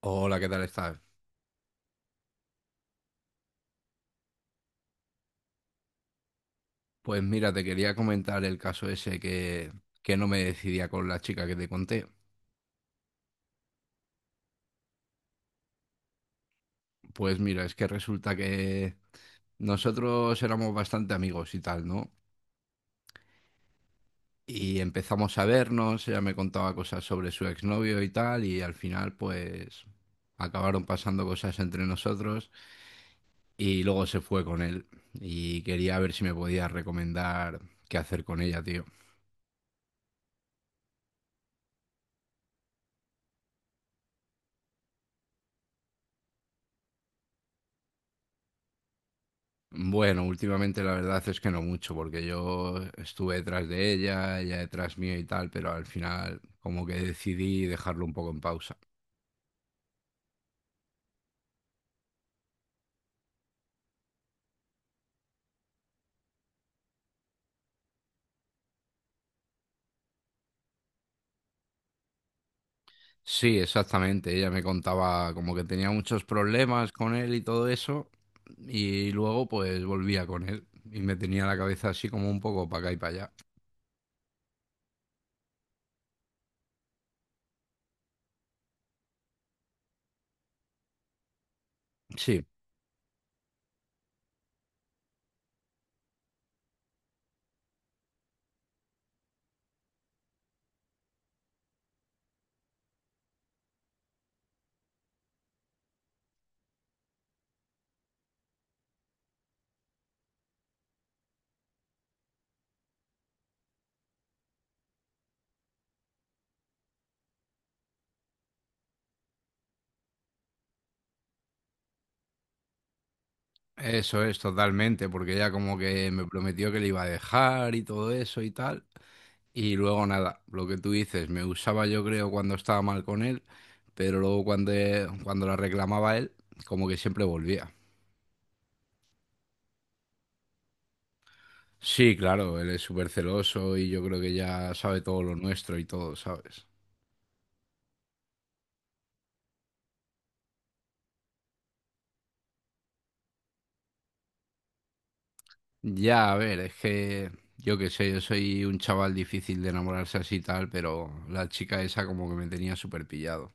Hola, ¿qué tal estás? Pues mira, te quería comentar el caso ese que no me decidía con la chica que te conté. Pues mira, es que resulta que nosotros éramos bastante amigos y tal, ¿no? Y empezamos a vernos, ella me contaba cosas sobre su exnovio y tal, y al final pues acabaron pasando cosas entre nosotros y luego se fue con él y quería ver si me podía recomendar qué hacer con ella, tío. Bueno, últimamente la verdad es que no mucho, porque yo estuve detrás de ella, ella detrás mío y tal, pero al final como que decidí dejarlo un poco en pausa. Sí, exactamente, ella me contaba como que tenía muchos problemas con él y todo eso, y luego pues volvía con él y me tenía la cabeza así como un poco para acá y para allá. Sí, eso es totalmente, porque ella como que me prometió que le iba a dejar y todo eso y tal. Y luego nada, lo que tú dices, me usaba yo creo cuando estaba mal con él, pero luego cuando la reclamaba él, como que siempre volvía. Sí, claro, él es súper celoso y yo creo que ya sabe todo lo nuestro y todo, ¿sabes? Ya, a ver, es que yo qué sé, yo soy un chaval difícil de enamorarse así y tal, pero la chica esa como que me tenía súper pillado.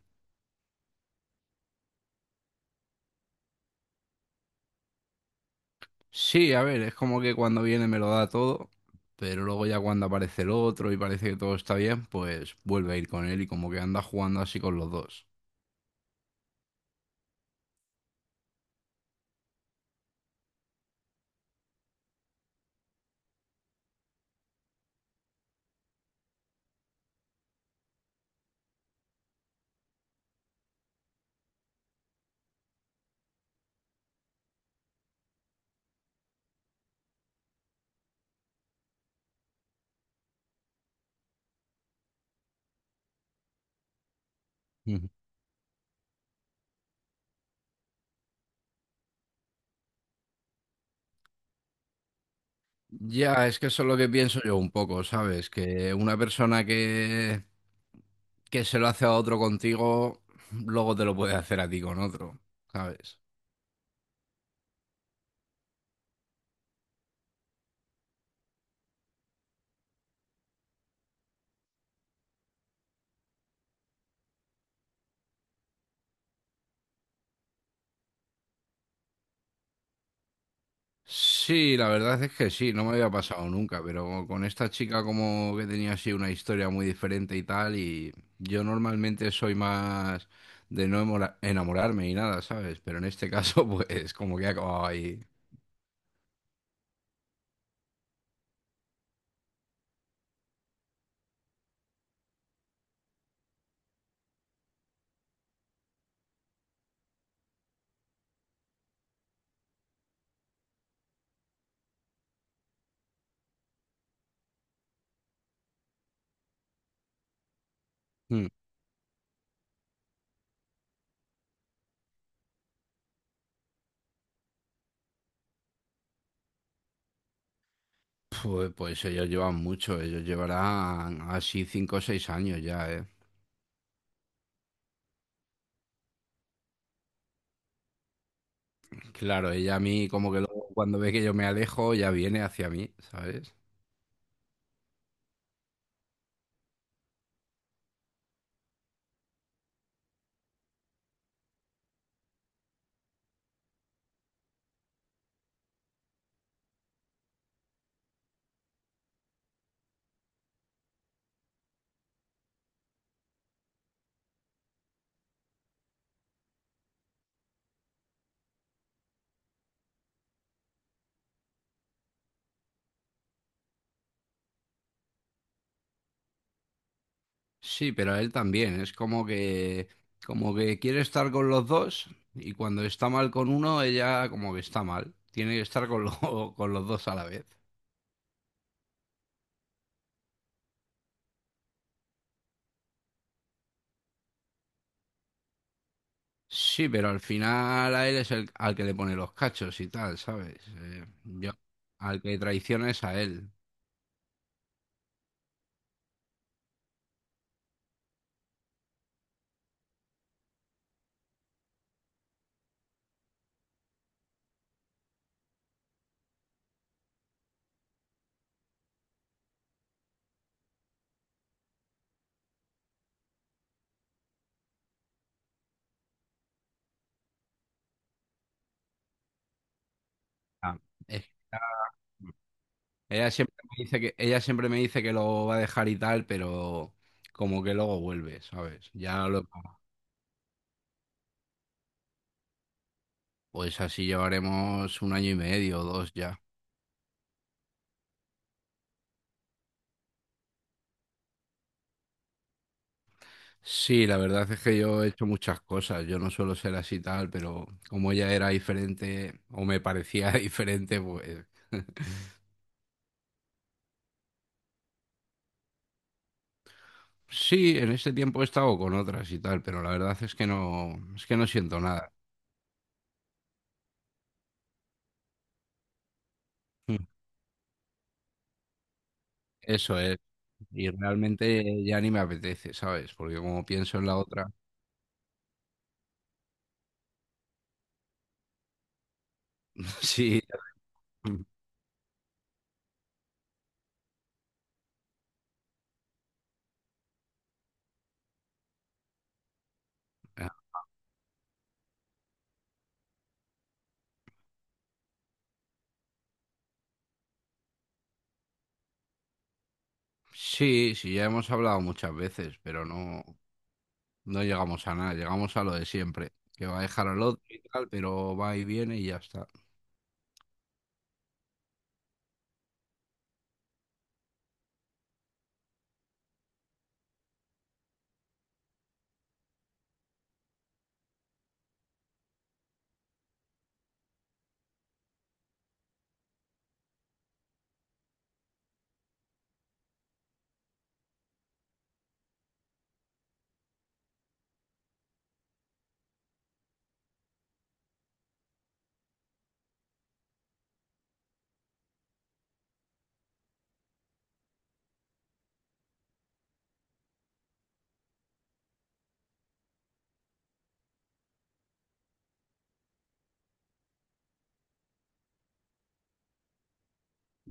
Sí, a ver, es como que cuando viene me lo da todo, pero luego ya cuando aparece el otro y parece que todo está bien, pues vuelve a ir con él y como que anda jugando así con los dos. Ujú. Ya, es que eso es lo que pienso yo un poco, ¿sabes? Que una persona que se lo hace a otro contigo, luego te lo puede hacer a ti con otro, ¿sabes? Sí, la verdad es que sí, no me había pasado nunca, pero con esta chica como que tenía así una historia muy diferente y tal, y yo normalmente soy más de no enamorarme y nada, ¿sabes? Pero en este caso, pues como que he acabado ahí. Mm. Pues ellos llevan mucho, ellos llevarán así 5 o 6 años ya, ¿eh? Claro, ella a mí como que luego cuando ve que yo me alejo ya viene hacia mí, ¿sabes? Sí, pero a él también. Es como que quiere estar con los dos y cuando está mal con uno, ella como que está mal. Tiene que estar con los dos a la vez. Sí, pero al final a él es el al que le pone los cachos y tal, ¿sabes? Al que traiciona es a él. Ah, es- ella siempre me dice que, ella siempre me dice que lo va a dejar y tal, pero como que luego vuelve, ¿sabes? Pues así llevaremos un año y medio o dos ya. Sí, la verdad es que yo he hecho muchas cosas. Yo no suelo ser así tal, pero como ella era diferente o me parecía diferente, pues sí, en este tiempo he estado con otras y tal, pero la verdad es que no siento nada. Mm. Eso es. Y realmente ya ni me apetece, ¿sabes? Porque como pienso en la otra, sí, sí, sí, ya hemos hablado muchas veces, pero no, no llegamos a nada. Llegamos a lo de siempre, que va a dejar al otro y tal, pero va y viene y ya está.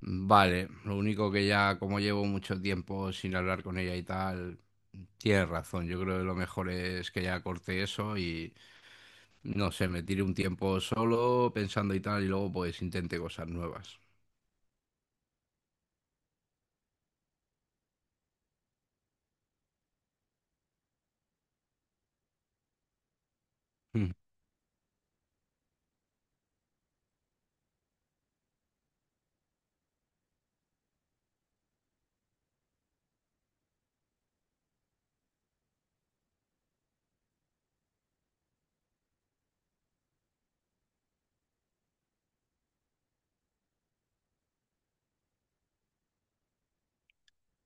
Vale, lo único que ya como llevo mucho tiempo sin hablar con ella y tal, tienes razón, yo creo que lo mejor es que ya corte eso y no sé, me tire un tiempo solo pensando y tal y luego pues intente cosas nuevas. Mm.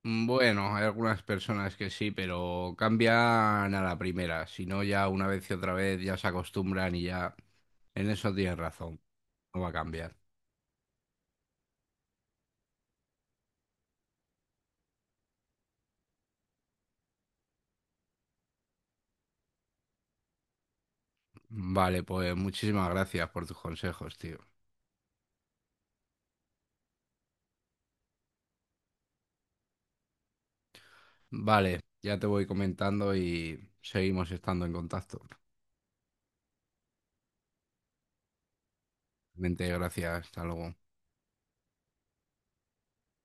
Bueno, hay algunas personas que sí, pero cambian a la primera, si no ya una vez y otra vez ya se acostumbran y ya en eso tienes razón, no va a cambiar. Vale, pues muchísimas gracias por tus consejos, tío. Vale, ya te voy comentando y seguimos estando en contacto. Mente, gracias, hasta luego.